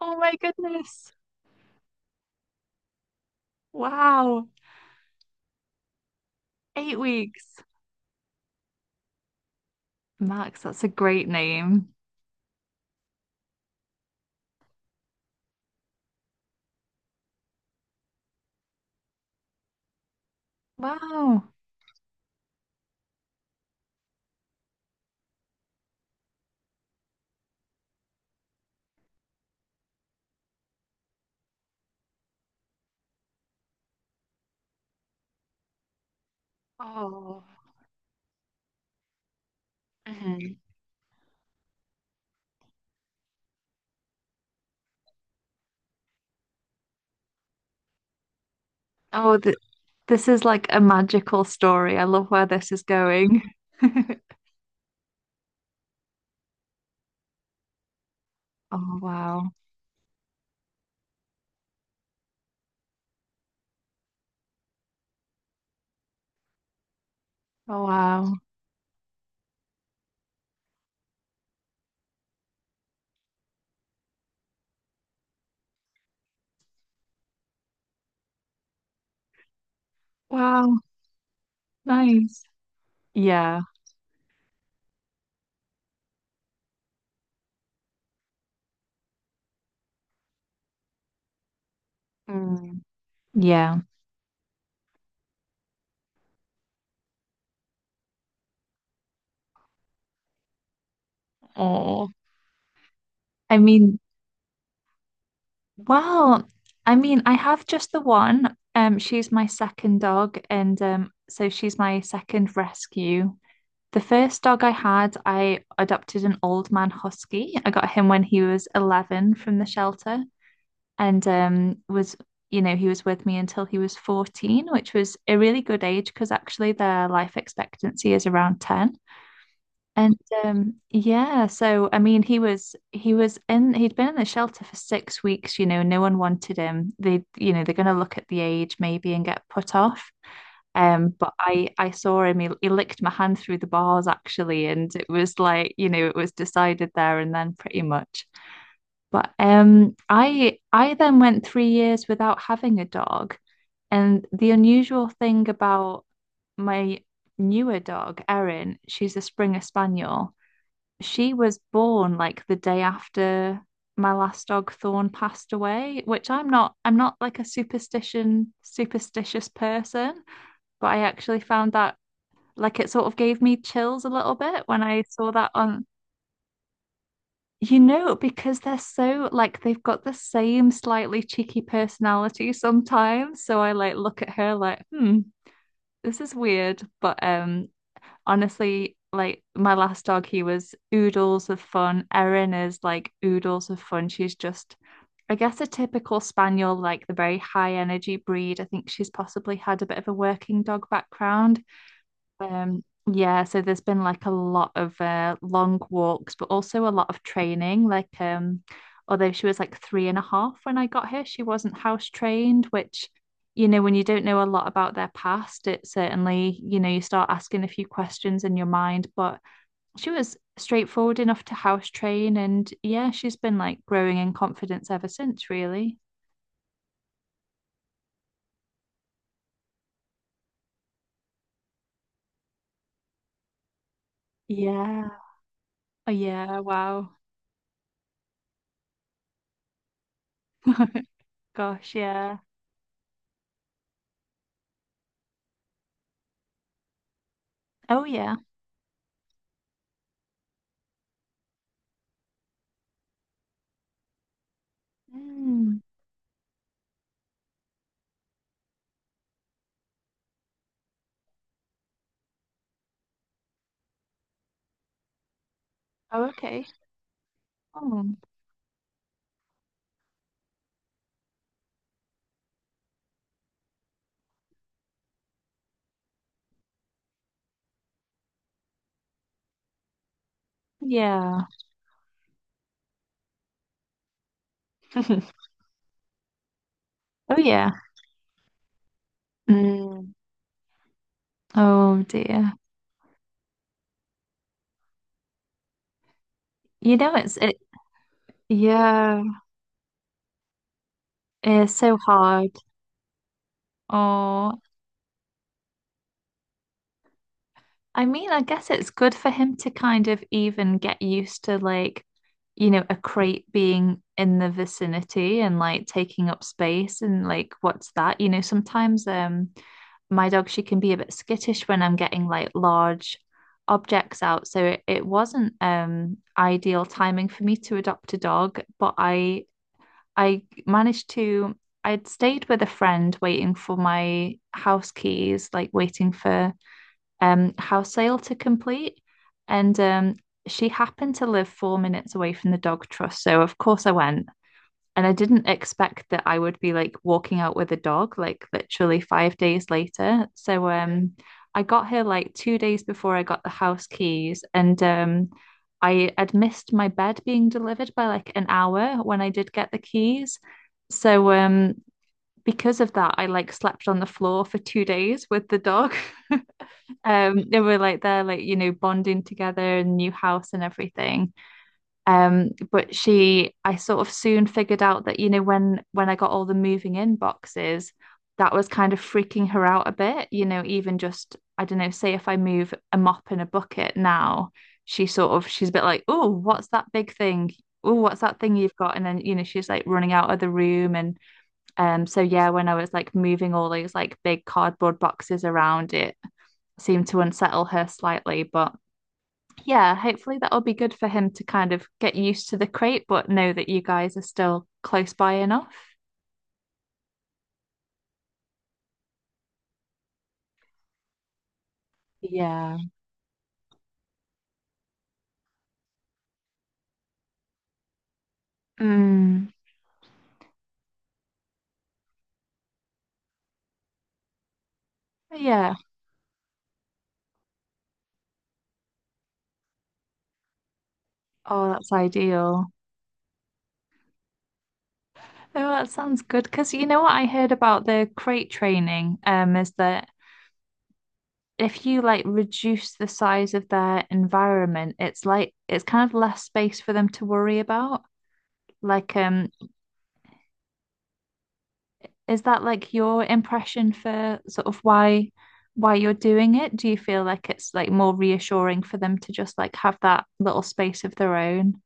Oh my goodness. Wow. 8 weeks. Max, that's a great name. Wow. Oh. Mhm. Oh, th this is like a magical story. I love where this is going. Oh, wow. Oh, wow. Wow. Nice. Yeah. Mm. Yeah. Oh. I mean, well, I mean, I have just the one. She's my second dog, and so she's my second rescue. The first dog I had, I adopted an old man husky. I got him when he was 11 from the shelter, and he was with me until he was 14, which was a really good age because actually their life expectancy is around 10. And yeah, so I mean, he'd been in the shelter for 6 weeks. No one wanted him. They, they're going to look at the age maybe and get put off. But I saw him. He licked my hand through the bars actually, and it was like you know it was decided there and then pretty much. But I then went 3 years without having a dog, and the unusual thing about my newer dog Erin, she's a Springer Spaniel. She was born like the day after my last dog Thorn passed away, which I'm not like a superstition superstitious person, but I actually found that like it sort of gave me chills a little bit when I saw that because they're so like they've got the same slightly cheeky personality sometimes. So I like look at her like, hmm, this is weird. But honestly, like my last dog, he was oodles of fun. Erin is like oodles of fun. She's just I guess a typical spaniel, like the very high energy breed. I think she's possibly had a bit of a working dog background. Um, yeah, so there's been like a lot of long walks, but also a lot of training. Like, although she was like 3.5 when I got her, she wasn't house trained, which, when you don't know a lot about their past, it certainly, you start asking a few questions in your mind. But she was straightforward enough to house train, and yeah, she's been like growing in confidence ever since, really. Yeah. Oh, yeah. Wow. Gosh, yeah. Oh, yeah. Mm. Oh, okay. Oh, yeah. Oh, yeah. Mm. Oh, dear. You know, it's it. Yeah, it's so hard. Oh, I mean, I guess it's good for him to kind of even get used to like, a crate being in the vicinity and like taking up space and like, what's that? You know, sometimes. My dog, she can be a bit skittish when I'm getting like large objects out. So it wasn't ideal timing for me to adopt a dog, but I managed to I'd stayed with a friend waiting for my house keys, like waiting for house sale to complete. And she happened to live 4 minutes away from the dog trust. So of course I went. And I didn't expect that I would be like walking out with a dog like literally 5 days later. So I got here like 2 days before I got the house keys, and I had missed my bed being delivered by like an hour when I did get the keys. So because of that I like slept on the floor for 2 days with the dog. They were like there, like bonding together, new house and everything. But I sort of soon figured out that, you know, when I got all the moving in boxes, that was kind of freaking her out a bit. You know, even just, I don't know, say if I move a mop and a bucket now, she's a bit like, oh, what's that big thing? Oh, what's that thing you've got? And then, you know, she's like running out of the room. And so yeah, when I was like moving all those like big cardboard boxes around, it seemed to unsettle her slightly, but yeah, hopefully that will be good for him to kind of get used to the crate, but know that you guys are still close by enough. Yeah. Mm, yeah. Oh, that's ideal. Oh, that sounds good. Because you know what I heard about the crate training, is that if you like reduce the size of their environment, it's like it's kind of less space for them to worry about. Like, is that like your impression for sort of why you're doing it? Do you feel like it's like more reassuring for them to just like have that little space of their own?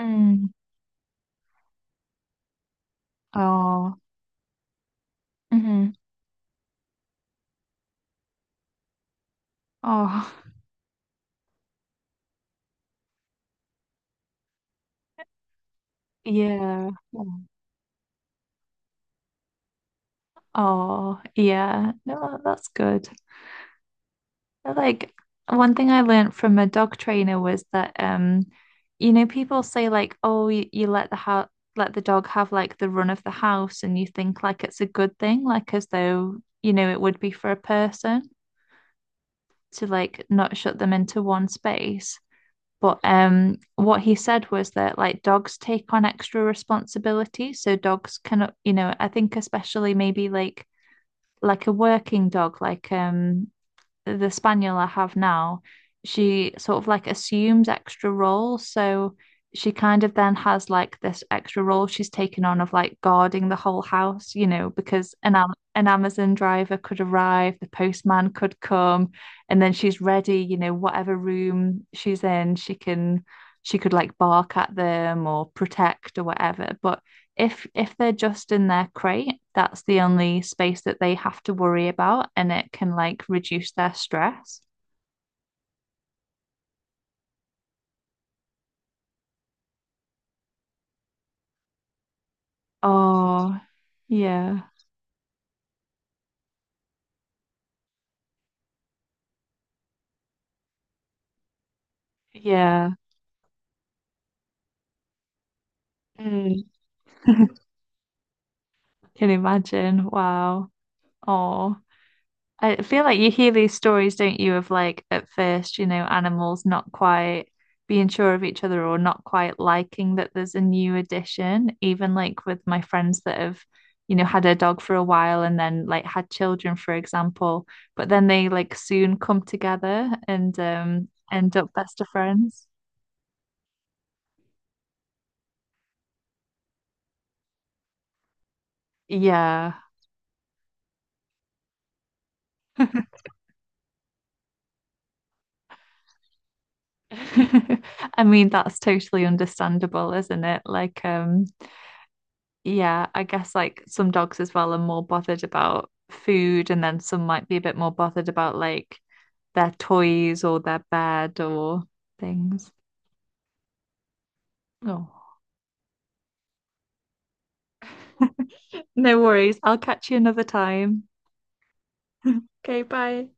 Mm. Oh. Hmm. Oh. Yeah. Oh, yeah. No, that's good. Like one thing I learned from a dog trainer was that people say like, oh, you let the ho let the dog have like the run of the house, and you think like it's a good thing, like as though, it would be for a person to like not shut them into one space. But what he said was that like dogs take on extra responsibility, so dogs cannot you know, I think especially maybe like a working dog, like the spaniel I have now, she sort of like assumes extra roles. So she kind of then has like this extra role she's taken on of like guarding the whole house, you know, because an Amazon driver could arrive, the postman could come, and then she's ready, you know, whatever room she's in, she could like bark at them or protect or whatever. But if they're just in their crate, that's the only space that they have to worry about, and it can like reduce their stress. Oh, yeah, yeah. Mm. Can imagine. Wow. Oh, I feel like you hear these stories, don't you, of like at first, animals not quite being sure of each other or not quite liking that there's a new addition. Even like with my friends that have, had a dog for a while and then like had children, for example, but then they like soon come together and end up best of friends. Yeah. I mean, that's totally understandable, isn't it? Like, yeah, I guess like some dogs as well are more bothered about food, and then some might be a bit more bothered about like their toys or their bed or things. Oh, no worries. I'll catch you another time. Okay, bye.